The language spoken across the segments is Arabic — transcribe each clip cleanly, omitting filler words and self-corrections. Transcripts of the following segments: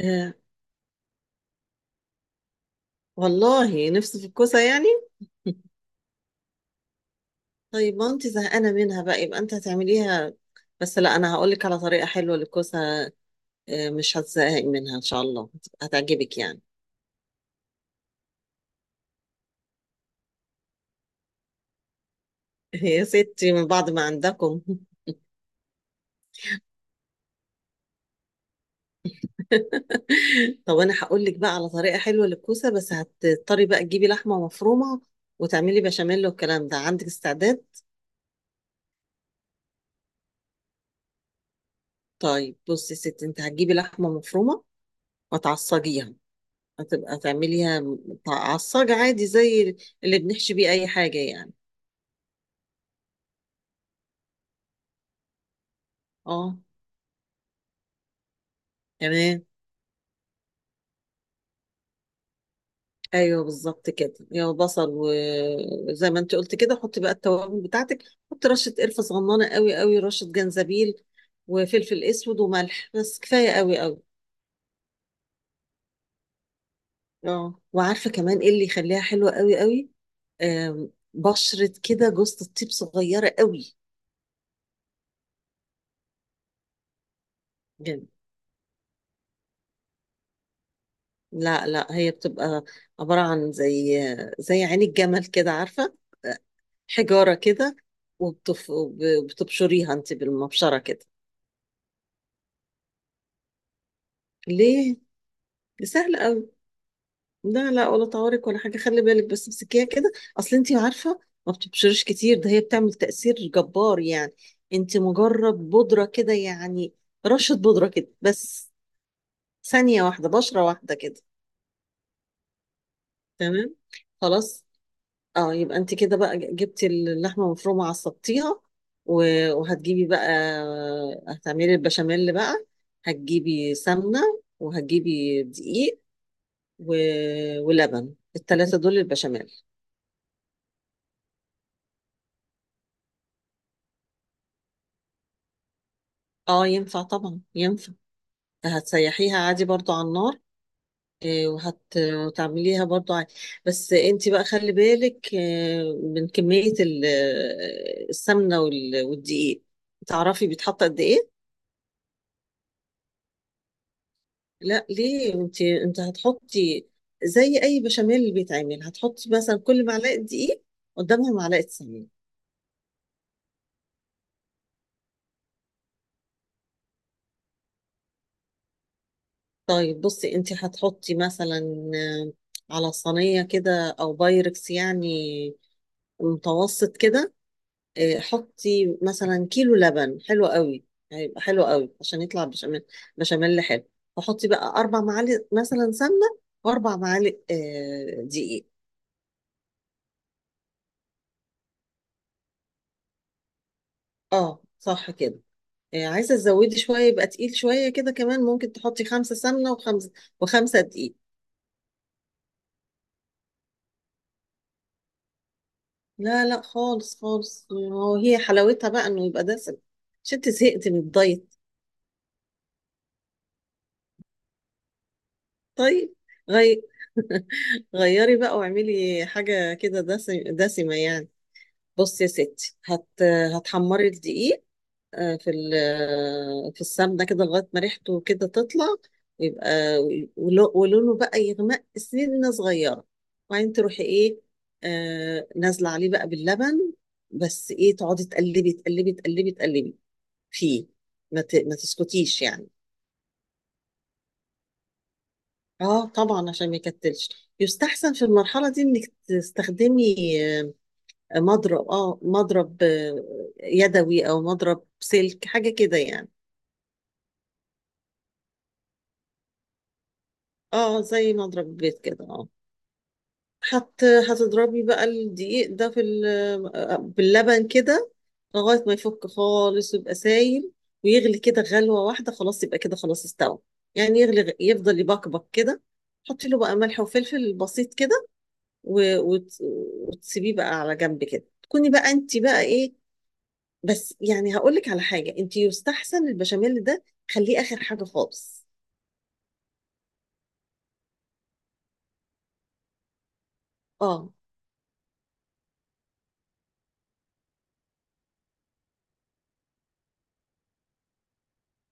آه، والله نفسي في الكوسة يعني. طيب ما انت زهقانة منها بقى، يبقى انت هتعمليها. بس لا، انا هقول لك على طريقة حلوة للكوسة، آه، مش هتزهقي منها ان شاء الله، هتعجبك يعني. يا ستي من بعد ما عندكم. طب انا هقول لك بقى على طريقة حلوة للكوسة، بس هتضطري بقى تجيبي لحمة مفرومة وتعملي بشاميل والكلام ده، عندك استعداد؟ طيب بصي يا ستي، انت هتجيبي لحمة مفرومة وتعصجيها، هتبقى تعمليها عصاج عادي زي اللي بنحشي بيه اي حاجة يعني. اه، تمام. ايوه بالظبط كده، يا بصل و- وزي ما انت قلت كده، حطي بقى التوابل بتاعتك، حطي رشة قرفة صغننة قوي قوي، رشة جنزبيل وفلفل اسود وملح، بس كفاية قوي قوي. اه، وعارفة كمان ايه اللي يخليها حلوة قوي قوي؟ بشرة كده جوزة الطيب صغيرة قوي جدا. لا هي بتبقى عبارة عن زي، زي عين الجمل كده عارفة، حجارة كده، وبتف... وبتبشريها انت بالمبشرة كده. ليه؟ دي سهلة قوي، لا ولا طوارئ ولا حاجة، خلي بالك بس امسكيها كده. اصل انت عارفة، ما بتبشرش كتير ده، هي بتعمل تأثير جبار يعني، انت مجرد بودرة كده يعني، رشة بودرة كده بس، ثانية واحدة بشرة واحدة كده. تمام، خلاص. اه، يبقى انت كده بقى جبتي اللحمه المفرومه عصبتيها، و- وهتجيبي بقى، هتعملي البشاميل بقى، هتجيبي سمنه وهتجيبي دقيق و... ولبن، الثلاثه دول البشاميل. اه ينفع، طبعا ينفع، هتسيحيها عادي برضو على النار. آه، وهت- وتعمليها برضو عادي، بس انت بقى خلي بالك من كميه السمنه وال- والدقيق تعرفي بيتحط قد ايه؟ لا ليه، انت هتحطي زي اي بشاميل اللي بيتعمل، هتحطي مثلا كل معلقه دقيق قدامها معلقه سمنه. طيب بصي، انت هتحطي مثلا على صينيه كده او بايركس يعني، متوسط كده، حطي مثلا كيلو لبن حلو قوي، هيبقى حلو قوي عشان يطلع بشاميل، بشاميل حلو. وحطي بقى اربع معالق مثلا سمنه، واربع معالق دقيق. اه صح كده، عايزة تزودي شوية يبقى تقيل شوية كده، كمان ممكن تحطي خمسة سمنة وخمسة، وخمسة دقيق. لا لا خالص خالص، هو هي حلاوتها بقى انه يبقى دسم، مش انت زهقتي من الدايت؟ طيب غي... غيري بقى واعملي حاجة كده دسمة يعني. بصي يا ستي هتحمري الدقيق آه، في ال- آه، في السمنة كده، لغاية ما ريحته كده تطلع، يبقى ولو- ولونه بقى يغمق سنة صغيرة، وبعدين تروحي ايه، نازلة عليه بقى باللبن، بس ايه، تقعدي تقلبي تقلبي تقلبي تقلبي فيه، ما تسكتيش يعني. اه طبعا، عشان ما يكتلش، يستحسن في المرحلة دي انك تستخدمي آه، مضرب، اه مضرب يدوي، او مضرب سلك حاجة كده يعني. اه، زي مضرب بيت كده، اه. هتضربي بقى الدقيق ده باللبن كده، لغاية ما يفك خالص ويبقى سايل، ويغلي كده غلوة واحدة، خلاص يبقى كده خلاص استوى، يعني يغلي، يفضل يبقبق كده، حطي له بقى ملح وفلفل بسيط كده، و... وت... وتسيبيه بقى على جنب كده، تكوني بقى انت بقى ايه، بس يعني هقول لك على حاجة، انت يستحسن البشاميل ده خليه آخر حاجة خالص. اه.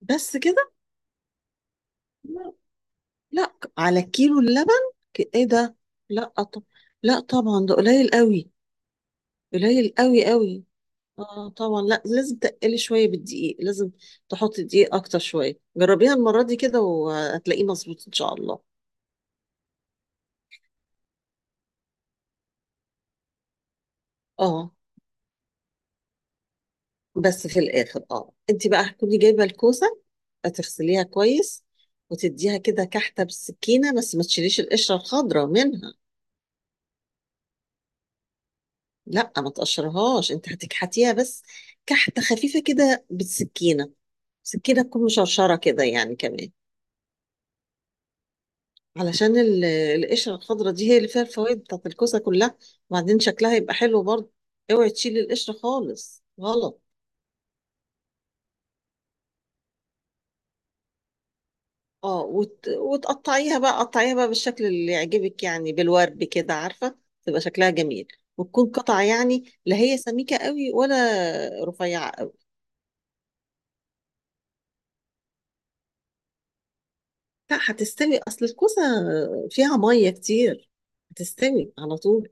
بس كده، لا على كيلو اللبن؟ ايه ده، لا طب، لا طبعا ده قليل قوي، قليل قوي قوي. اه طبعا، لا لازم تقلي شويه بالدقيق، لازم تحطي دقيق اكتر شويه، جربيها المره دي كده وهتلاقيه مظبوط ان شاء الله. اه بس في الاخر، اه انت بقى هتكوني جايبه الكوسه، هتغسليها كويس، وتديها كده كحته بالسكينه، بس ما تشيليش القشره الخضراء منها. لا ما تقشرهاش، انت هتكحتيها بس، كحته خفيفه كده بالسكينه، سكينة تكون مشرشرة كده يعني كمان. علشان القشرة الخضراء دي هي اللي فيها الفوائد بتاعت الكوسة كلها، وبعدين شكلها يبقى حلو برضه، اوعي تشيل القشرة خالص، غلط. اه وتقطعيها بقى، قطعيها بقى بالشكل اللي يعجبك يعني، بالورد كده عارفة، تبقى شكلها جميل، وتكون قطع يعني، لا هي سميكة قوي ولا رفيعة قوي. لا هتستوي، اصل الكوسة فيها مية كتير، هتستوي على طول.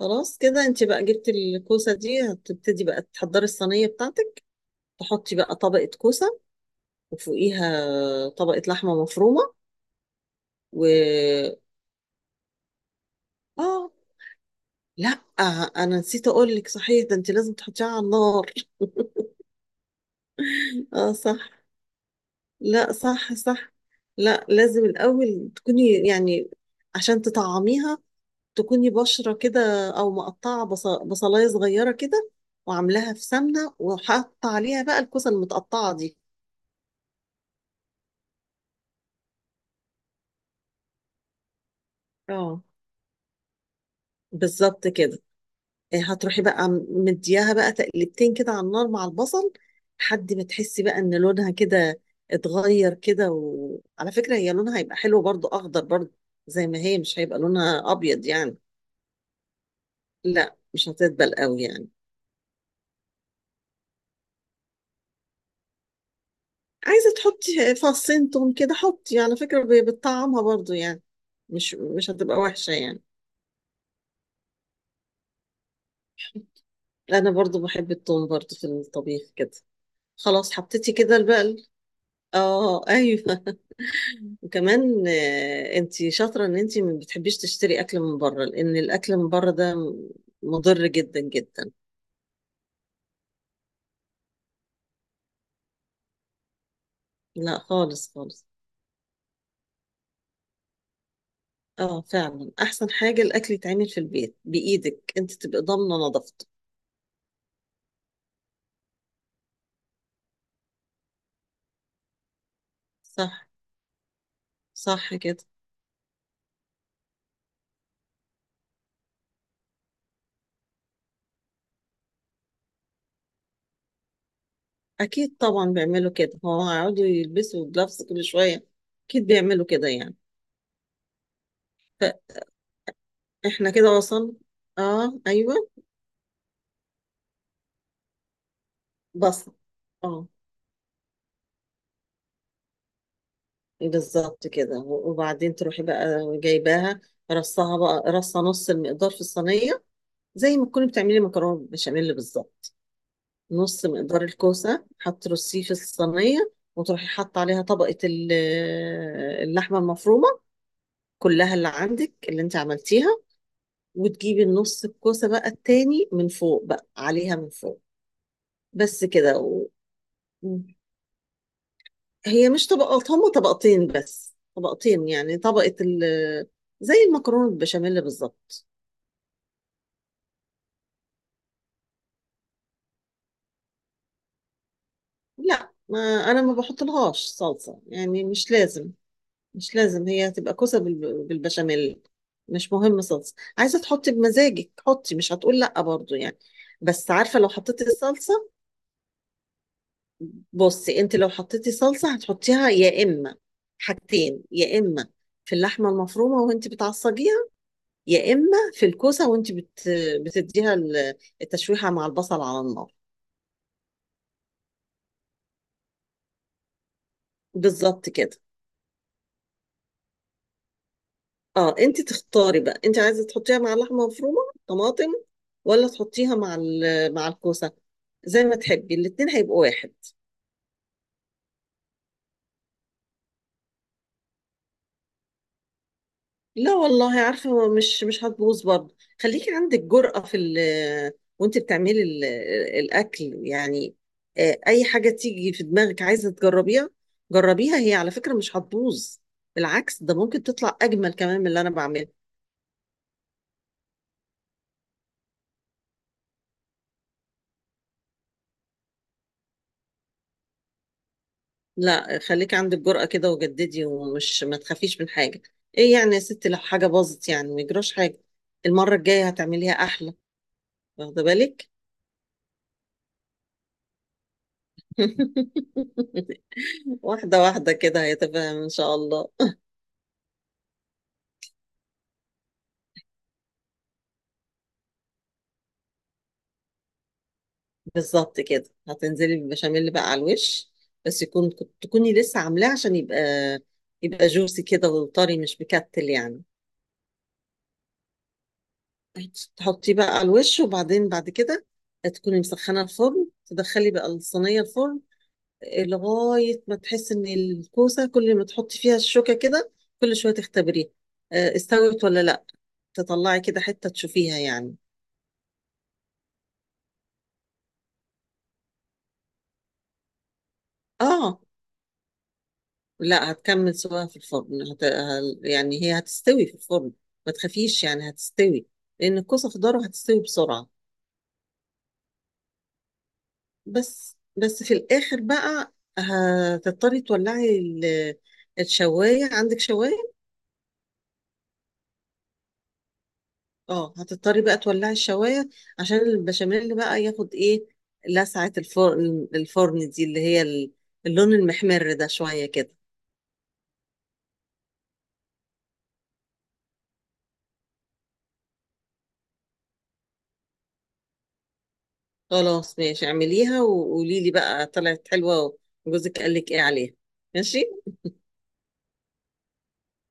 خلاص كده انت بقى جبت الكوسة دي، هتبتدي بقى تحضري الصينية بتاعتك، تحطي بقى طبقة كوسة، وفوقيها طبقة لحمة مفرومة، و اه، لا انا نسيت اقول لك صحيح ده، انت لازم تحطيها على النار. اه صح، لا صح صح. لا لازم الاول تكوني يعني، عشان تطعميها، تكوني بشرة كده، او مقطعة بصلاية صغيرة كده، وعاملاها في سمنة، وحاطة عليها بقى الكوسة المتقطعة دي. اه بالظبط كده. إيه، هتروحي بقى مدياها بقى تقلبتين كده على النار مع البصل، لحد ما تحسي بقى ان لونها كده اتغير كده، وعلى فكرة هي لونها هيبقى حلو برضو، اخضر برضو، زي ما هي، مش هيبقى لونها ابيض يعني. لا مش هتدبل قوي يعني. عايزة تحطي فصين توم كده، حطي، على فكرة بتطعمها برضو يعني، مش هتبقى وحشة يعني. انا برضو بحب التوم برضو في الطبيخ كده. خلاص حطيتي كده البقل. اه ايوه. وكمان آه، انت شاطرة ان انت ما بتحبيش تشتري اكل من بره لان الاكل من بره ده مضر جدا جدا لا خالص خالص اه فعلا احسن حاجة الاكل يتعمل في البيت بايدك انت تبقى ضامنة نظافته صح صح كده اكيد طبعا بيعملوا كده هو هيقعدوا يلبسوا جلافز كل شوية اكيد بيعملوا كده يعني فاحنا كده وصلنا اه ايوه بصل، اه بالظبط كده، وبعدين تروحي بقى جايباها، رصها بقى رصة نص المقدار في الصينية، زي ما تكوني بتعملي مكرونة بشاميل بالظبط، نص مقدار الكوسة هترصيه في الصينية، وتروحي حاطة عليها طبقة اللحمة المفرومة كلها اللي عندك اللي انت عملتيها، وتجيبي النص الكوسة بقى التاني من فوق، بقى عليها من فوق. بس كده و... هي مش طبقات، هما طبقتين بس، طبقتين يعني، طبقة ال... زي المكرونة بالبشاميل بالظبط. لا ما، انا ما بحط لهاش صلصه يعني، مش لازم، مش لازم، هي هتبقى كوسه بالبشاميل، مش مهم صلصه، عايزه تحطي بمزاجك حطي، مش هتقول لا برضو يعني، بس عارفه لو حطيتي الصلصه. بصي انت لو حطيتي صلصه، هتحطيها يا اما، حاجتين، يا اما في اللحمه المفرومه وانت بتعصجيها، يا اما في الكوسه وانت بتديها التشويحه مع البصل على النار. بالظبط كده، اه، انت تختاري بقى، انت عايزه تحطيها مع اللحمه المفرومه طماطم، ولا تحطيها مع مع الكوسه، زي ما تحبي، الاتنين هيبقوا واحد. لا والله عارفه، مش هتبوظ برضه، خليكي عندك جرأة في ال، وانت بتعملي الاكل يعني، اي حاجه تيجي في دماغك عايزه تجربيها جربيها، هي على فكره مش هتبوظ، بالعكس ده ممكن تطلع اجمل كمان من اللي انا بعمله. لا خليكي عندك جرأة كده وجددي، ما تخافيش من حاجة، ايه يعني يا ستي لو حاجة باظت يعني، ما يجراش حاجة، المرة الجاية هتعمليها أحلى، واخدة بالك. واحدة واحدة كده هيتفهم إن شاء الله. بالظبط كده، هتنزلي بالبشاميل بقى على الوش، بس يكون، تكوني لسه عاملاه، عشان يبقى، يبقى جوسي كده وطري، مش مكتل يعني، تحطيه بقى على الوش، وبعدين بعد كده تكوني مسخنة الفرن، تدخلي بقى الصينية الفرن، لغاية ما تحس إن الكوسة كل ما تحطي فيها الشوكة كده، كل شوية تختبريها، استوت ولا لأ، تطلعي كده حتة تشوفيها يعني. آه. لا هتكمل سواها في الفرن، يعني هي هتستوي في الفرن، ما تخافيش يعني هتستوي، لأن الكوسة خضار هتستوي بسرعة. بس في الآخر بقى، هتضطري تولعي الشواية، عندك شواية. اه هتضطري بقى تولعي الشوايه، عشان البشاميل بقى ياخد ايه، لسعه الفرن، الفرن دي اللي هي اللون المحمر ده شويه كده. خلاص ماشي، اعمليها وقولي لي بقى طلعت حلوه، وجوزك قال لك ايه عليها. ماشي.